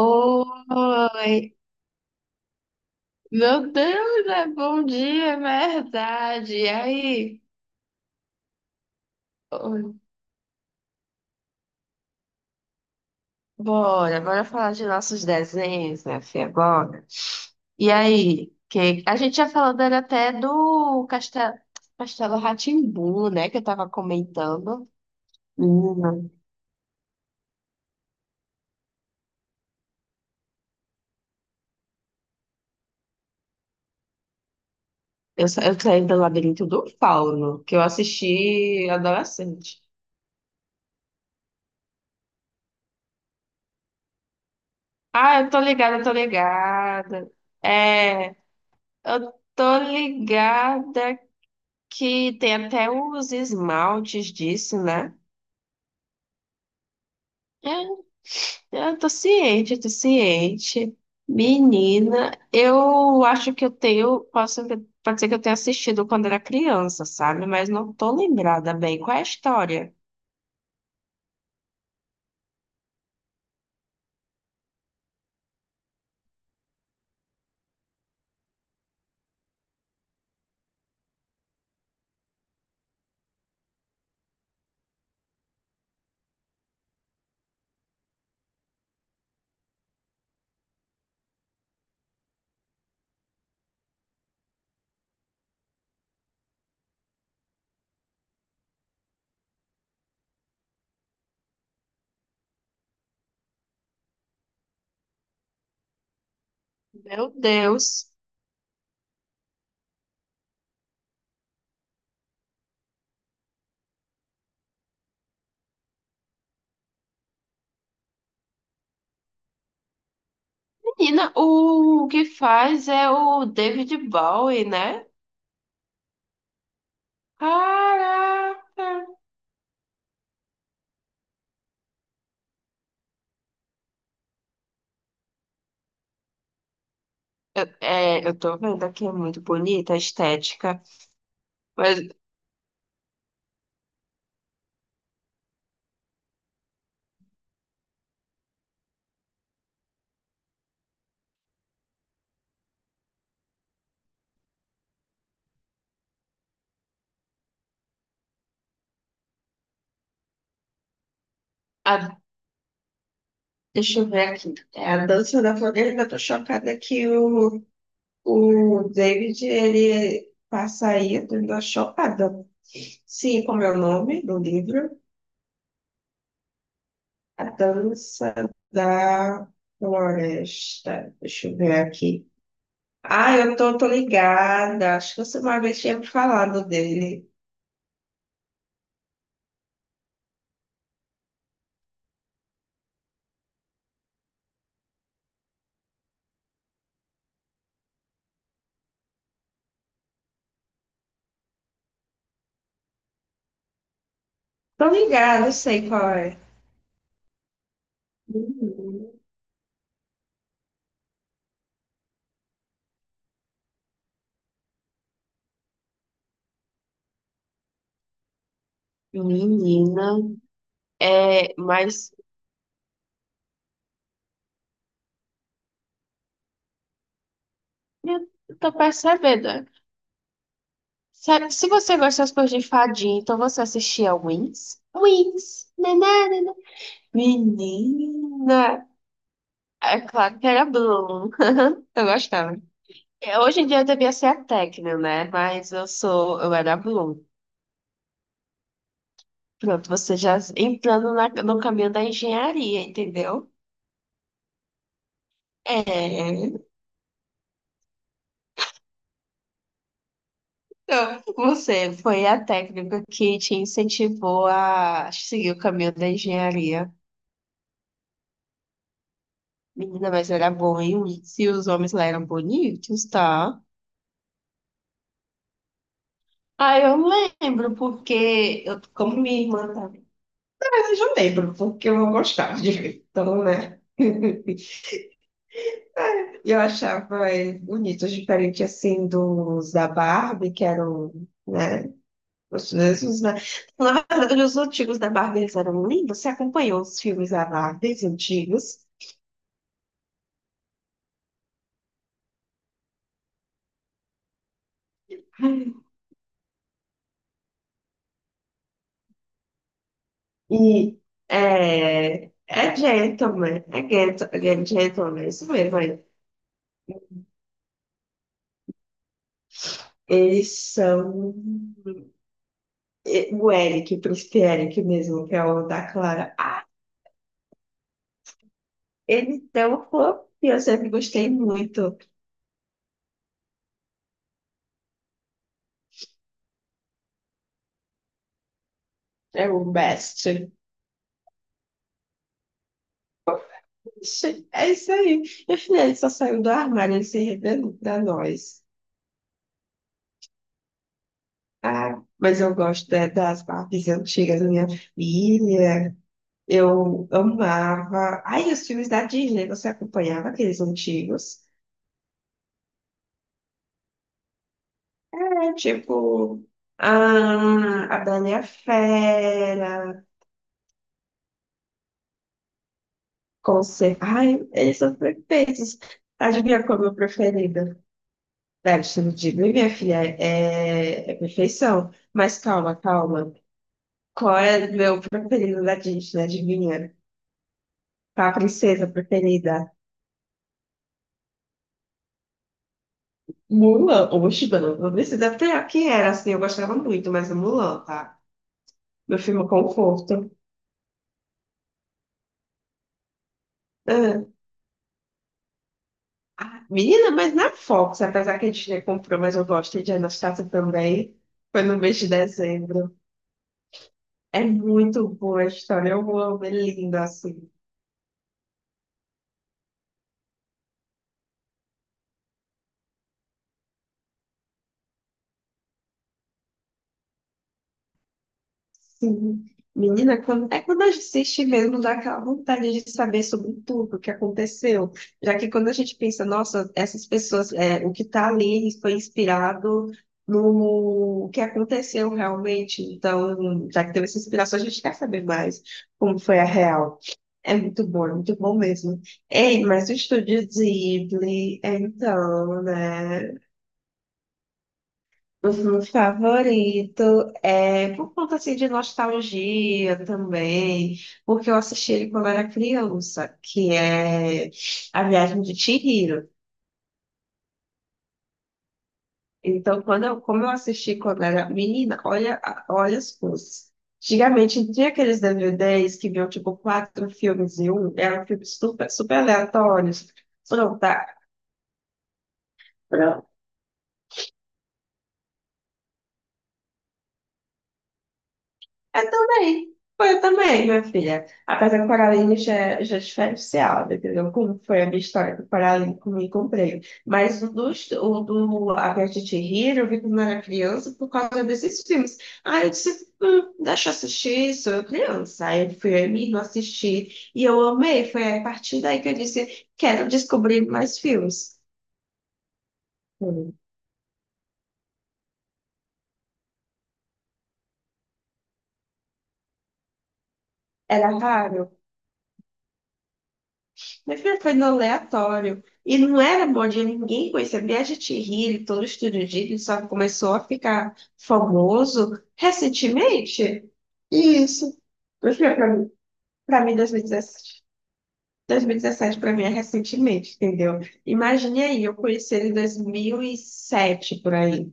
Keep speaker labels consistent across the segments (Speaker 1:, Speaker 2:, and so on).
Speaker 1: Oi, meu Deus, é bom dia, é verdade. E aí? Oi, bora, bora falar de nossos desenhos, minha filha, bora. E aí? Que a gente já falou dele até do Castelo, Castelo rá, né, que eu tava comentando. Menina, eu saí do Labirinto do Fauno, que eu assisti adolescente. Ah, eu tô ligada, eu tô ligada. É, eu tô ligada que tem até os esmaltes disso, né? É, eu tô ciente, eu tô ciente. Menina, eu acho que pode ser que eu tenha assistido quando era criança, sabe? Mas não tô lembrada bem. Qual é a história? Meu Deus. Menina, o que faz é o David Bowie, né? Caraca! É, eu tô vendo aqui, é muito bonita a estética. Mas a deixa eu ver aqui. É a Dança da Floresta. Eu tô chocada o David, ele passa aí. Eu tô chocada. Sim, como é o nome do livro? A Dança da Floresta. Deixa eu ver aqui. Ah, tô ligada. Acho que você uma vez tinha me falado dele. Tô ligada, eu sei qual é. Menina, Menina, é, mas eu tô percebendo. Sério, se você gosta das coisas de fadinha, então você assistia Wings? Wings! Nananana. Menina! É claro que era Bloom. Eu gostava. É, hoje em dia eu devia ser a Tecno, né? Eu era a Bloom. Pronto, você já entrando no caminho da engenharia, entendeu? É. Então, você foi a técnica que te incentivou a seguir o caminho da engenharia. Menina, mas era bom, hein? Se os homens lá eram bonitos, tá? Ah, eu lembro, porque eu, como minha irmã tá. Mas eu já lembro, porque eu não gostava de ver. Então, né? Eu achava bonito, diferente assim dos da Barbie, que eram, né? Os mesmos, né? Na verdade, os antigos da Barbie eles eram lindos. Você acompanhou os filmes da Barbie os antigos? E é, é gentleman, é isso mesmo, é. Eles são o Eric, o príncipe Eric mesmo, que é o da Clara. Ah, ele é um fã que eu sempre gostei muito. É o best. Ixi, é isso aí. Meu filho, ele só saiu do armário, ele se revelou pra nós. Ah, mas eu gosto das partes antigas da minha filha, eu amava. Ai, os filmes da Disney, você acompanhava aqueles antigos? É, tipo, ah, a Bela e a Fera, ai, eles são perfeitos. Adivinha qual é o meu preferido? Velho, você não diz, minha filha, é perfeição. Mas calma, calma. Qual é o meu preferido da Disney? Adivinha? Qual a princesa preferida? Mulan. Oxe, mano, não precisa ter quem era, assim, eu gostava muito, mas é Mulan, tá? Meu filme conforto. Ah, ah, menina, mas na Fox, apesar que a Disney comprou, mas eu gosto de Anastasia também. Foi no mês de dezembro. É muito boa a história. Eu amo, é linda assim. Sim. Menina, é quando a gente assiste mesmo, dá aquela vontade de saber sobre tudo o que aconteceu. Já que quando a gente pensa, nossa, essas pessoas, é, o que está ali foi inspirado no que aconteceu realmente. Então, já que teve essa inspiração, a gente quer saber mais como foi a real. É muito bom mesmo. Ei, mas o estúdio Ghibli, então, né? Uhum, favorito é por conta assim, de nostalgia também, porque eu assisti ele quando era criança, que é A Viagem de Chihiro. Então, como eu assisti quando era menina, olha, olha as coisas. Antigamente tinha aqueles DVDs que vinham tipo quatro filmes em um, eram filmes super, super aleatórios. Pronto, eu também. Foi eu também, minha filha. Apesar que o Coraline já é diferenciado, entendeu? Como foi a minha história do paralímpico me e comprei. Mas o do A Viagem de Chihiro, eu vi quando eu era criança por causa desses filmes. Aí eu disse, deixa eu assistir, sou eu criança. Aí eu fui eu e minha irmã assistir. E eu amei. Foi a partir daí que eu disse, quero descobrir mais filmes. Hum. Era raro. Minha filha foi no aleatório. E não era bom dia, ninguém conhecia. Viagem de Hillary, todo estúdio de Hillary, só começou a ficar famoso recentemente. Isso. Minha filha, pra mim 2017. 2017 para mim é recentemente, entendeu? Imagine aí, eu conheci ele em 2007 por aí.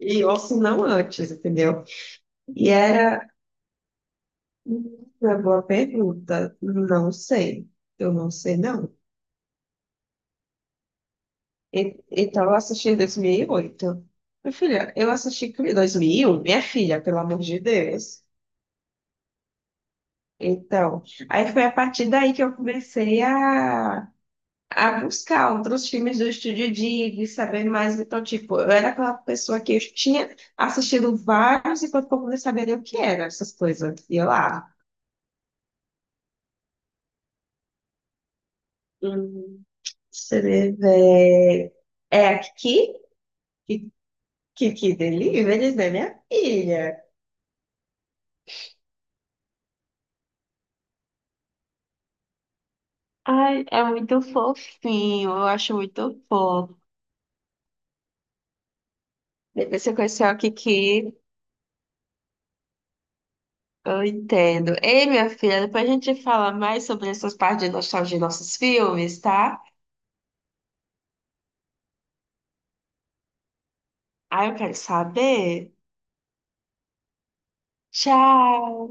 Speaker 1: E ou se não antes, entendeu? E era uma boa pergunta. Não sei. Eu não sei, não. Então, eu assisti em 2008. Minha filha, eu assisti em 2001, minha filha, pelo amor de Deus. Então, aí foi a partir daí que eu comecei a buscar outros filmes do Estúdio Ghibli, saber mais. Então, tipo, eu era aquela pessoa que eu tinha assistido vários enquanto eu não sabia o que eram essas coisas. E eu lá, hum, você vê, é é aqui? Que, que delírio, né, minha filha? Ai, é muito fofinho, eu acho muito fofo. Depois que eu conhecer o Kiki, eu entendo. Ei, minha filha, depois a gente fala mais sobre essas partes de nostalgia de nossos filmes, tá? Ai, eu quero saber. Tchau!